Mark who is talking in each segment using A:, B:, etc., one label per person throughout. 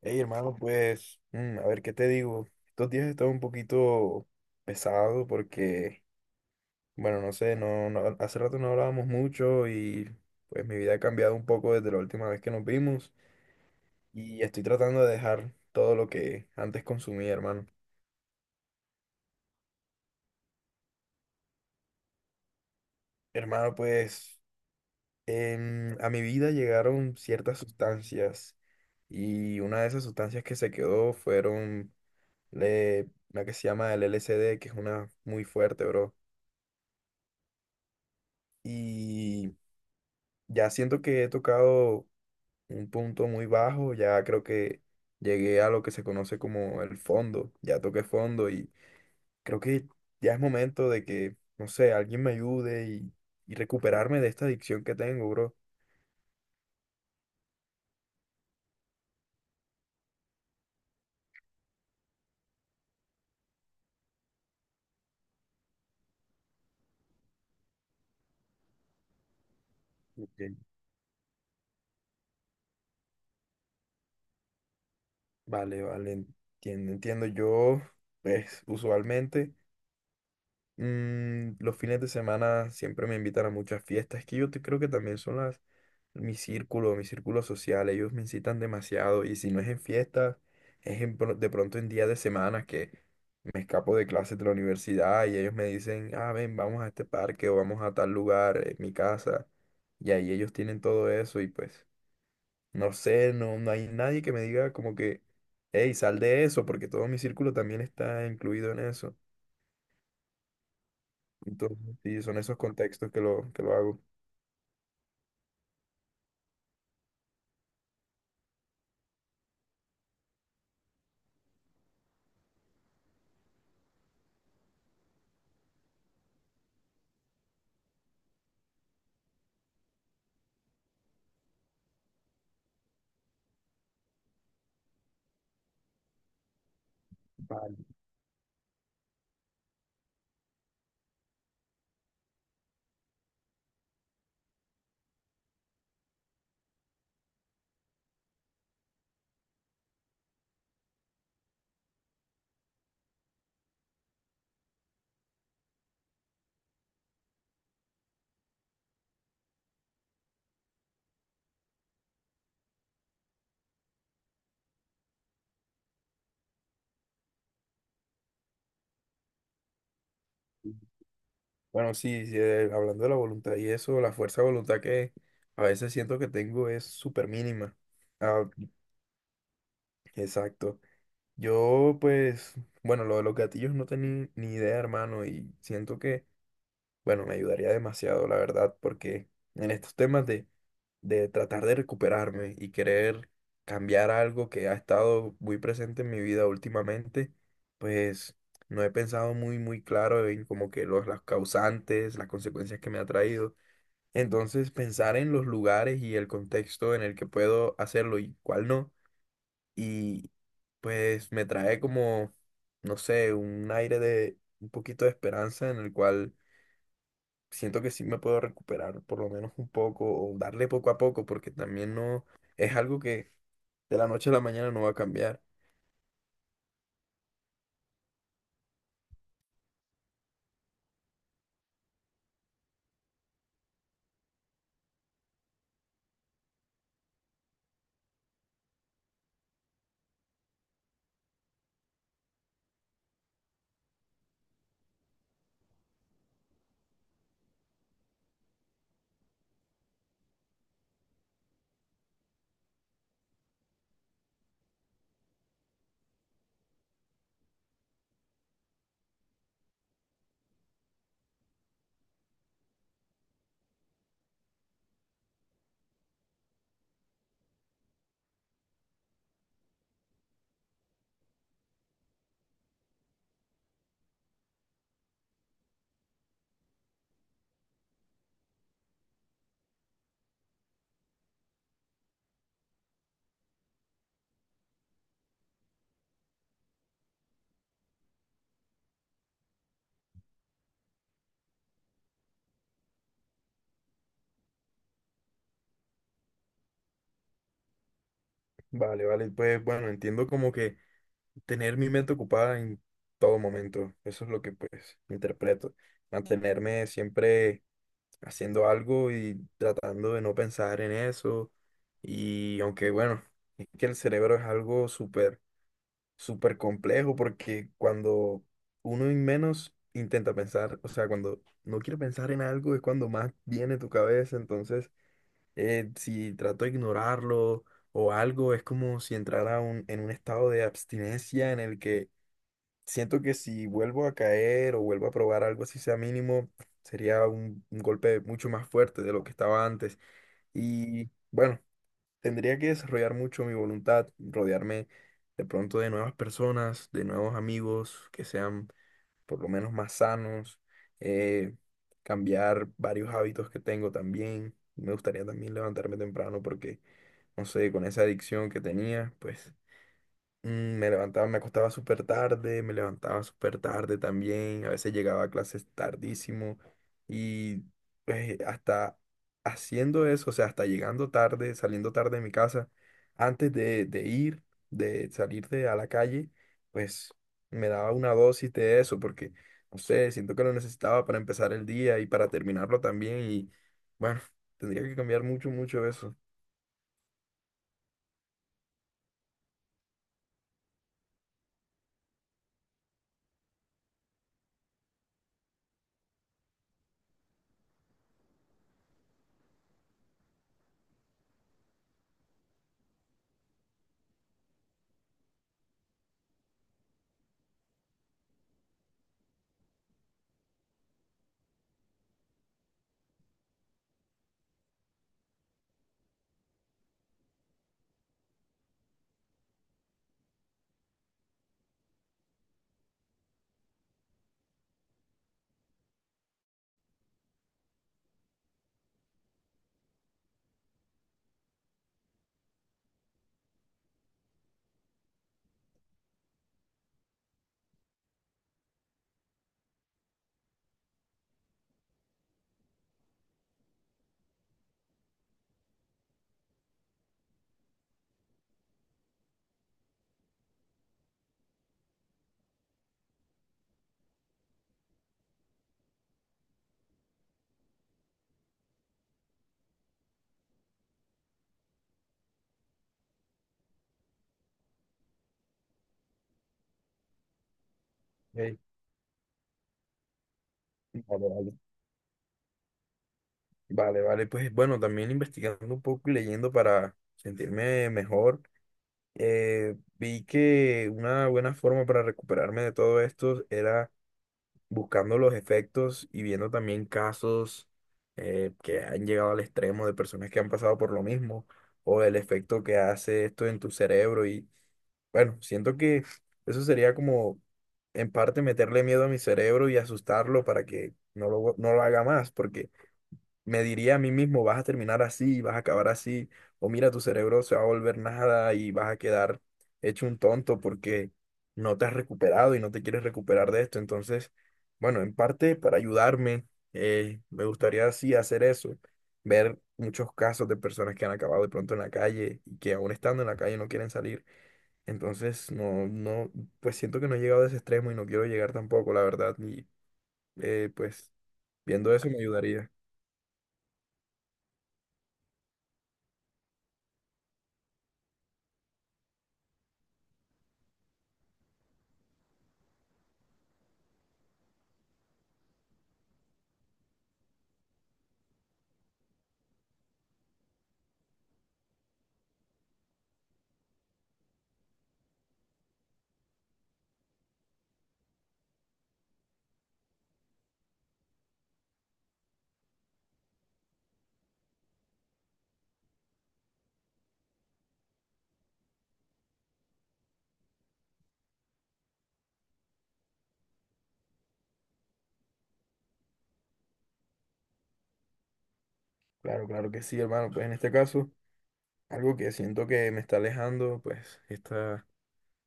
A: Hey, hermano, pues, a ver qué te digo. Estos días he estado un poquito pesado porque, bueno, no sé, hace rato no hablábamos mucho y pues mi vida ha cambiado un poco desde la última vez que nos vimos y estoy tratando de dejar todo lo que antes consumía, hermano. Hermano, pues, a mi vida llegaron ciertas sustancias y una de esas sustancias que se quedó fueron la que se llama el LSD, que es una muy fuerte, bro. Y ya siento que he tocado un punto muy bajo, ya creo que llegué a lo que se conoce como el fondo, ya toqué fondo y creo que ya es momento de que, no sé, alguien me ayude y recuperarme de esta adicción que tengo, bro. Ok. Vale, vale, entiendo, entiendo. Yo, pues, usualmente... Los fines de semana siempre me invitan a muchas fiestas. Es que creo que también son las, mi círculo social. Ellos me incitan demasiado. Y si no es en fiestas, es en de pronto en días de semana que me escapo de clases de la universidad y ellos me dicen, ah, ven, vamos a este parque o vamos a tal lugar, en mi casa. Y ahí ellos tienen todo eso y pues, no sé, no hay nadie que me diga como que, hey, sal de eso, porque todo mi círculo también está incluido en eso. Entonces, sí, son esos contextos que lo hago. Vale. Bueno, sí, sí, hablando de la voluntad y eso, la fuerza de voluntad que a veces siento que tengo es súper mínima. Ah, exacto. Yo, pues, bueno, lo de los gatillos no tenía ni idea, hermano, y siento que bueno, me ayudaría demasiado, la verdad, porque en estos temas de tratar de recuperarme y querer cambiar algo que ha estado muy presente en mi vida últimamente, pues no he pensado muy, muy claro en como que las causantes, las consecuencias que me ha traído. Entonces, pensar en los lugares y el contexto en el que puedo hacerlo y cuál no, y pues me trae como, no sé, un aire de un poquito de esperanza en el cual siento que sí me puedo recuperar por lo menos un poco o darle poco a poco porque también no es algo que de la noche a la mañana no va a cambiar. Vale, vale, pues bueno, entiendo como que tener mi mente ocupada en todo momento, eso es lo que pues interpreto, mantenerme siempre haciendo algo y tratando de no pensar en eso y aunque bueno, es que el cerebro es algo súper súper complejo porque cuando uno y menos intenta pensar, o sea, cuando no quiere pensar en algo es cuando más viene tu cabeza, entonces si trato de ignorarlo o algo, es como si entrara en un estado de abstinencia en el que siento que si vuelvo a caer o vuelvo a probar algo así sea mínimo, sería un golpe mucho más fuerte de lo que estaba antes. Y bueno, tendría que desarrollar mucho mi voluntad, rodearme de pronto de nuevas personas, de nuevos amigos que sean por lo menos más sanos, eh, cambiar varios hábitos que tengo también. Me gustaría también levantarme temprano porque, no sé, con esa adicción que tenía, pues me levantaba, me acostaba súper tarde, me levantaba súper tarde también, a veces llegaba a clases tardísimo y pues hasta haciendo eso, o sea, hasta llegando tarde, saliendo tarde de mi casa, antes de ir, de salir de, a la calle, pues me daba una dosis de eso porque, no sé, siento que lo necesitaba para empezar el día y para terminarlo también y bueno, tendría que cambiar mucho, mucho eso. Ey, vale, vale. Vale, vale, pues bueno, también investigando un poco y leyendo para sentirme mejor, vi que una buena forma para recuperarme de todo esto era buscando los efectos y viendo también casos que han llegado al extremo de personas que han pasado por lo mismo o el efecto que hace esto en tu cerebro y bueno, siento que eso sería como en parte meterle miedo a mi cerebro y asustarlo para que no lo haga más porque me diría a mí mismo, vas a terminar así, vas a acabar así, o mira, tu cerebro se va a volver nada y vas a quedar hecho un tonto porque no te has recuperado y no te quieres recuperar de esto. Entonces, bueno, en parte para ayudarme, me gustaría así hacer eso, ver muchos casos de personas que han acabado de pronto en la calle y que aún estando en la calle no quieren salir. Entonces, no, no, pues siento que no he llegado a ese extremo y no quiero llegar tampoco, la verdad, y pues viendo eso me ayudaría. Claro, claro que sí, hermano. Pues en este caso, algo que siento que me está alejando, pues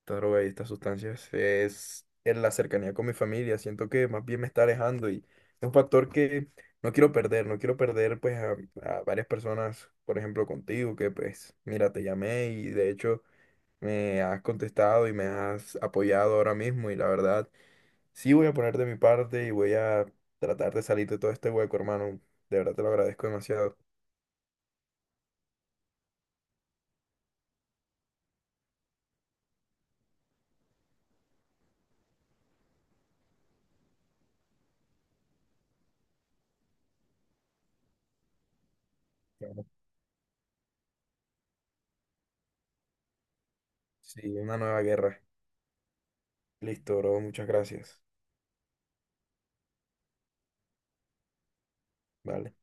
A: esta droga y estas sustancias, es en la cercanía con mi familia. Siento que más bien me está alejando y es un factor que no quiero perder. No quiero perder pues a varias personas, por ejemplo contigo, que pues mira, te llamé y de hecho me has contestado y me has apoyado ahora mismo y la verdad, sí voy a poner de mi parte y voy a tratar de salir de todo este hueco, hermano. De verdad te lo agradezco demasiado. Sí, una nueva guerra. Listo, bro. Muchas gracias. Vale.